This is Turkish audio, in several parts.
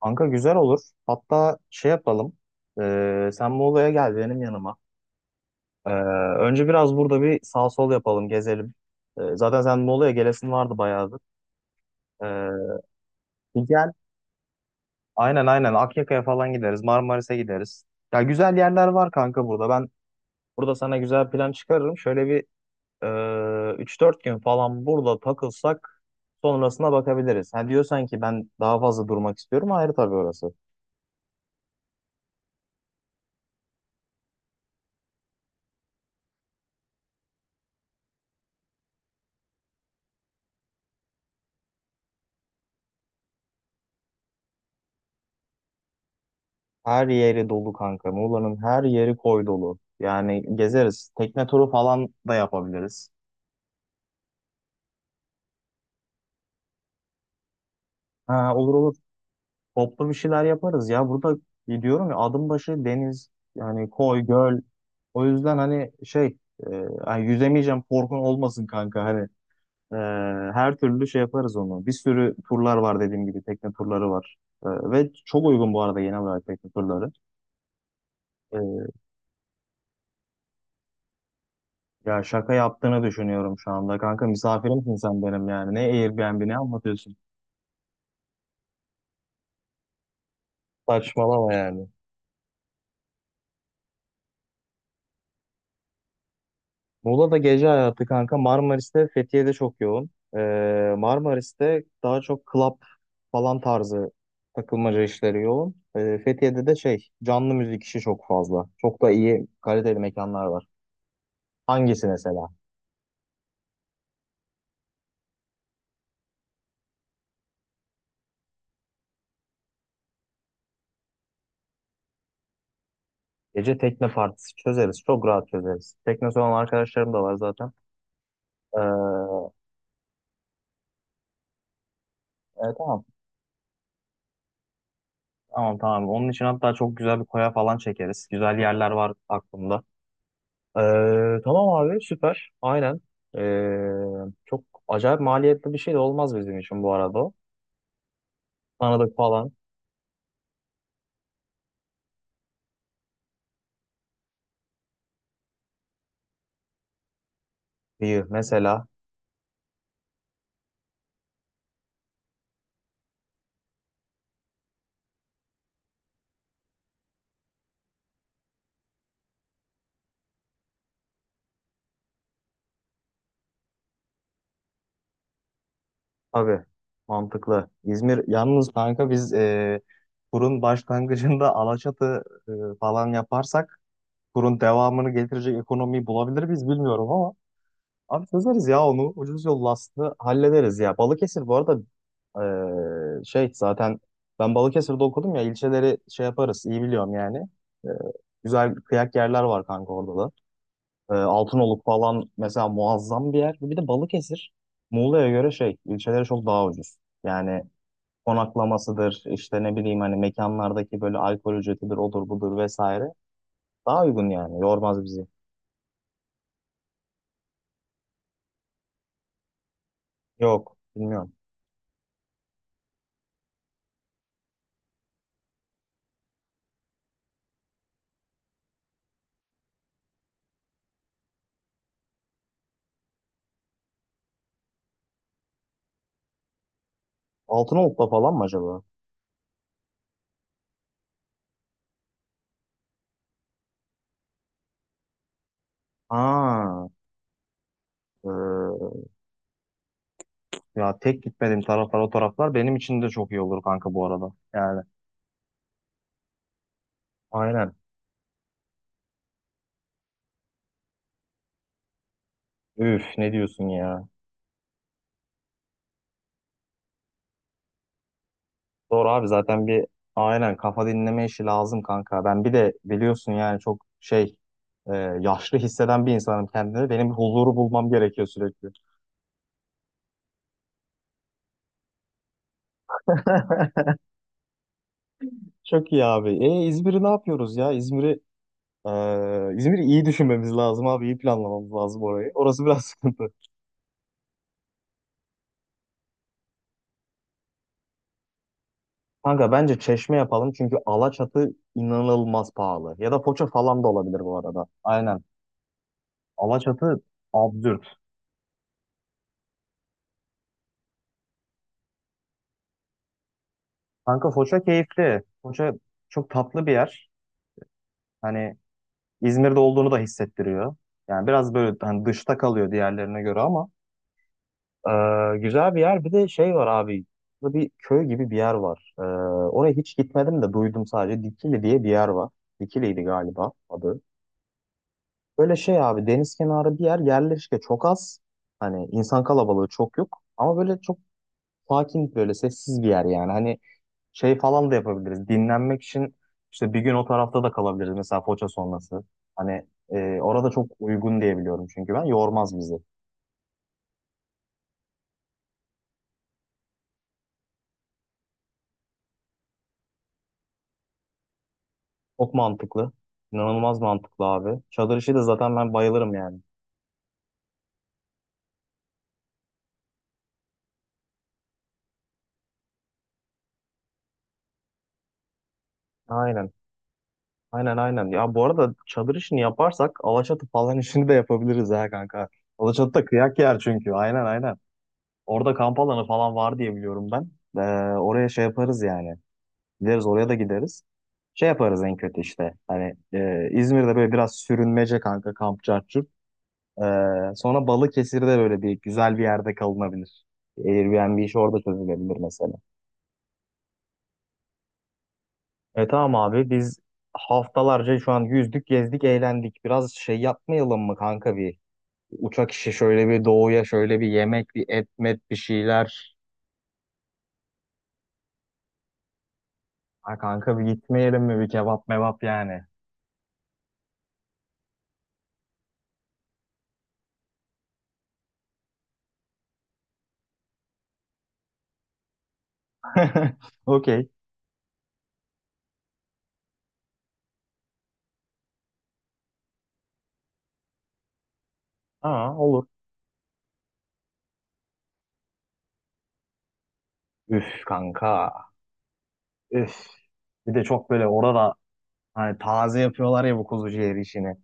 Kanka güzel olur. Hatta şey yapalım. Sen Muğla'ya gel benim yanıma. Ee, Önce biraz burada bir sağ sol yapalım, gezelim. Zaten sen Muğla'ya gelesin vardı bayağıdır. Ee, Bir gel. Aynen aynen, Akyaka'ya falan gideriz. Marmaris'e gideriz. Ya güzel yerler var kanka burada. Ben burada sana güzel plan çıkarırım. Şöyle bir e, 3-4 gün falan burada takılsak sonrasına bakabiliriz. Ha diyorsan ki ben daha fazla durmak istiyorum. Ayrı tabii orası. Her yeri dolu kanka. Muğla'nın her yeri koy dolu. Yani gezeriz. Tekne turu falan da yapabiliriz. Ha, olur olur. Toplu bir şeyler yaparız ya. Burada gidiyorum ya, adım başı deniz, yani koy göl. O yüzden hani şey, e, hani yüzemeyeceğim korkun olmasın kanka, hani e, her türlü şey yaparız onu. Bir sürü turlar var, dediğim gibi tekne turları var. Ve çok uygun bu arada genel olarak tekne turları. E, Ya şaka yaptığını düşünüyorum şu anda. Kanka misafirimsin sen benim yani. Ne Airbnb ne anlatıyorsun? Saçmalama yani. Muğla'da gece hayatı kanka, Marmaris'te, Fethiye'de çok yoğun. Marmaris'te daha çok club falan tarzı takılmaca işleri yoğun. Fethiye'de de şey, canlı müzik işi çok fazla. Çok da iyi kaliteli mekanlar var. Hangisi mesela? Gece tekne partisi çözeriz. Çok rahat çözeriz. Tekne olan arkadaşlarım da var zaten. Ee, tamam. Tamam tamam. Onun için hatta çok güzel bir koya falan çekeriz. Güzel yerler var aklımda. Tamam abi, süper. Aynen. Çok acayip maliyetli bir şey de olmaz bizim için bu arada. O. Tanıdık falan. İyi mesela. Tabii. Mantıklı. İzmir yalnız kanka, biz kurun başlangıcında Alaçatı falan yaparsak, kurun devamını getirecek ekonomiyi bulabilir miyiz bilmiyorum ama. Abi çözeriz ya onu. Ucuz yol Last'ı hallederiz ya. Balıkesir bu arada şey, zaten ben Balıkesir'de okudum ya, ilçeleri şey yaparız, iyi biliyorum yani. Eee, Güzel kıyak yerler var kanka orada da. Altınoluk falan mesela muazzam bir yer. Bir de Balıkesir, Muğla'ya göre şey, ilçeleri çok daha ucuz. Yani konaklamasıdır, işte ne bileyim hani, mekanlardaki böyle alkol ücretidir odur budur vesaire. Daha uygun yani, yormaz bizi. Yok, bilmiyorum. Altınoluk'ta falan mı acaba? Ha. Ee, Ya, tek gitmediğim taraflar o taraflar benim için de çok iyi olur kanka bu arada. Yani aynen. Üf ne diyorsun ya. Doğru abi, zaten bir, aynen, kafa dinleme işi lazım kanka. Ben bir de biliyorsun yani çok şey, yaşlı hisseden bir insanım kendimi. Benim bir huzuru bulmam gerekiyor sürekli. Çok iyi abi. E İzmir'i ne yapıyoruz ya? E, İzmir'i iyi düşünmemiz lazım abi, iyi planlamamız lazım orayı. Orası biraz sıkıntı. Kanka bence Çeşme yapalım, çünkü Alaçatı inanılmaz pahalı. Ya da Foça falan da olabilir bu arada. Aynen. Alaçatı absürt. Kanka Foça keyifli. Foça çok tatlı bir yer. Hani İzmir'de olduğunu da hissettiriyor. Yani biraz böyle hani dışta kalıyor diğerlerine göre, ama güzel bir yer. Bir de şey var abi. Burada bir köy gibi bir yer var. Oraya hiç gitmedim de, duydum sadece. Dikili diye bir yer var. Dikili'ydi galiba adı. Böyle şey abi, deniz kenarı bir yer, yerleşke çok az. Hani insan kalabalığı çok yok. Ama böyle çok sakin, böyle sessiz bir yer yani. Hani şey falan da yapabiliriz. Dinlenmek için işte bir gün o tarafta da kalabiliriz. Mesela Foça sonrası. Hani orada çok uygun diye biliyorum çünkü ben. Yormaz bizi. Çok mantıklı. İnanılmaz mantıklı abi. Çadır işi de zaten ben bayılırım yani. Aynen. Aynen aynen. Ya bu arada çadır işini yaparsak, Alaçatı falan işini de yapabiliriz ha kanka. Alaçatı da kıyak yer çünkü. Aynen aynen. Orada kamp alanı falan var diye biliyorum ben. Oraya şey yaparız yani. Gideriz, oraya da gideriz. Şey yaparız en kötü işte. Hani İzmir'de böyle biraz sürünmece kanka, kamp çarçur. Sonra Balıkesir'de böyle bir güzel bir yerde kalınabilir. Airbnb işi orada çözülebilir mesela. E tamam abi, biz haftalarca şu an yüzdük, gezdik, eğlendik. Biraz şey yapmayalım mı kanka, bir uçak işi, şöyle bir doğuya, şöyle bir yemek, bir et met, bir şeyler. Ha kanka, bir gitmeyelim mi, bir kebap mebap yani. Okey. Aa, olur. Üf kanka. Üf. Bir de çok böyle orada, hani taze yapıyorlar ya bu kuzu ciğeri işini.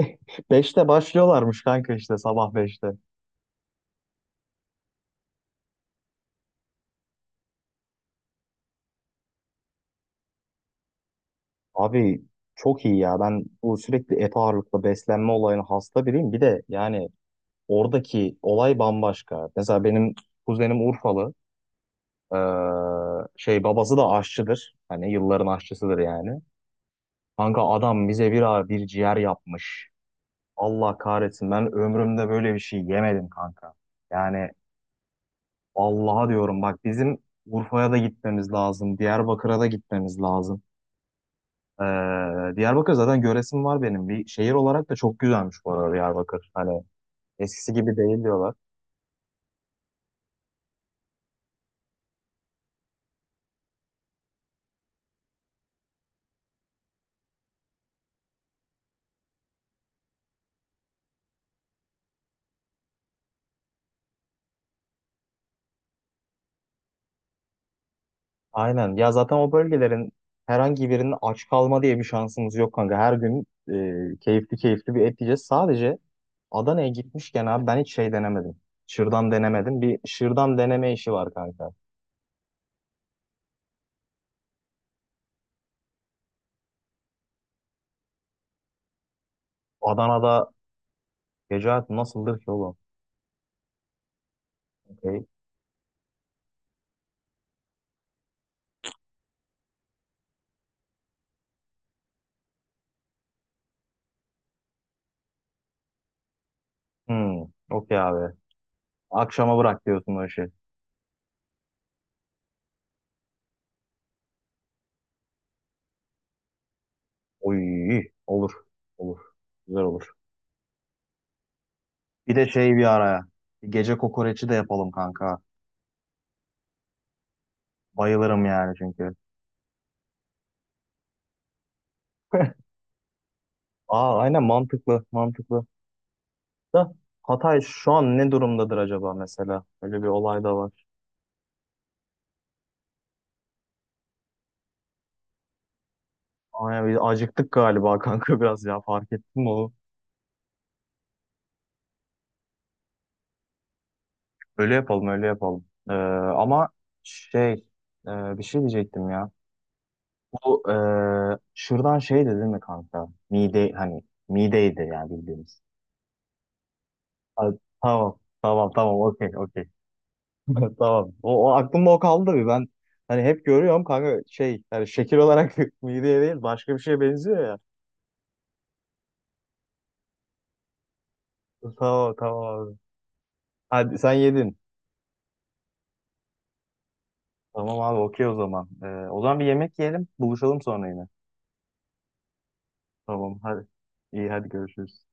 Beşte başlıyorlarmış kanka, işte sabah beşte. Abi çok iyi ya. Ben bu sürekli et ağırlıklı beslenme olayına hasta biriyim. Bir de yani oradaki olay bambaşka. Mesela benim kuzenim Urfalı. Ee, Şey, babası da aşçıdır. Hani yılların aşçısıdır yani. Kanka adam bize bir ağır bir ciğer yapmış. Allah kahretsin, ben ömrümde böyle bir şey yemedim kanka. Yani Allah'a diyorum bak, bizim Urfa'ya da gitmemiz lazım, Diyarbakır'a da gitmemiz lazım. Ee, Diyarbakır zaten göresim var benim. Bir şehir olarak da çok güzelmiş bu arada Diyarbakır. Hani eskisi gibi değil diyorlar. Aynen. Ya zaten o bölgelerin herhangi birinin aç kalma diye bir şansımız yok kanka. Her gün keyifli keyifli bir et yiyeceğiz. Sadece Adana'ya gitmişken abi, ben hiç şey denemedim, şırdan denemedim. Bir şırdan deneme işi var kanka. Adana'da gece hayatı nasıldır ki oğlum? Okey. Hmm, okey abi. Akşama bırak diyorsun o işi. Oy, olur. Olur. Güzel olur. Bir de şey, bir araya, bir gece kokoreçi de yapalım kanka. Bayılırım yani çünkü. Aa aynen, mantıklı, mantıklı. Da Hatay şu an ne durumdadır acaba mesela? Öyle bir olay da var. Aynen, bir acıktık galiba kanka biraz, ya fark ettin mi onu? Öyle yapalım, öyle yapalım. Ama şey, bir şey diyecektim ya. Bu şuradan şey dedin mi kanka? Mide, hani mideydi yani bildiğimiz. Ha, tamam tamam tamam, okey okey. Tamam. O, o aklımda o kaldı bir, ben hani hep görüyorum kanka şey, yani şekil olarak mideye değil başka bir şeye benziyor ya. Tamam tamam abi. Hadi sen yedin. Tamam abi, okey o zaman. O zaman bir yemek yiyelim, buluşalım sonra yine. Tamam hadi. İyi hadi, görüşürüz.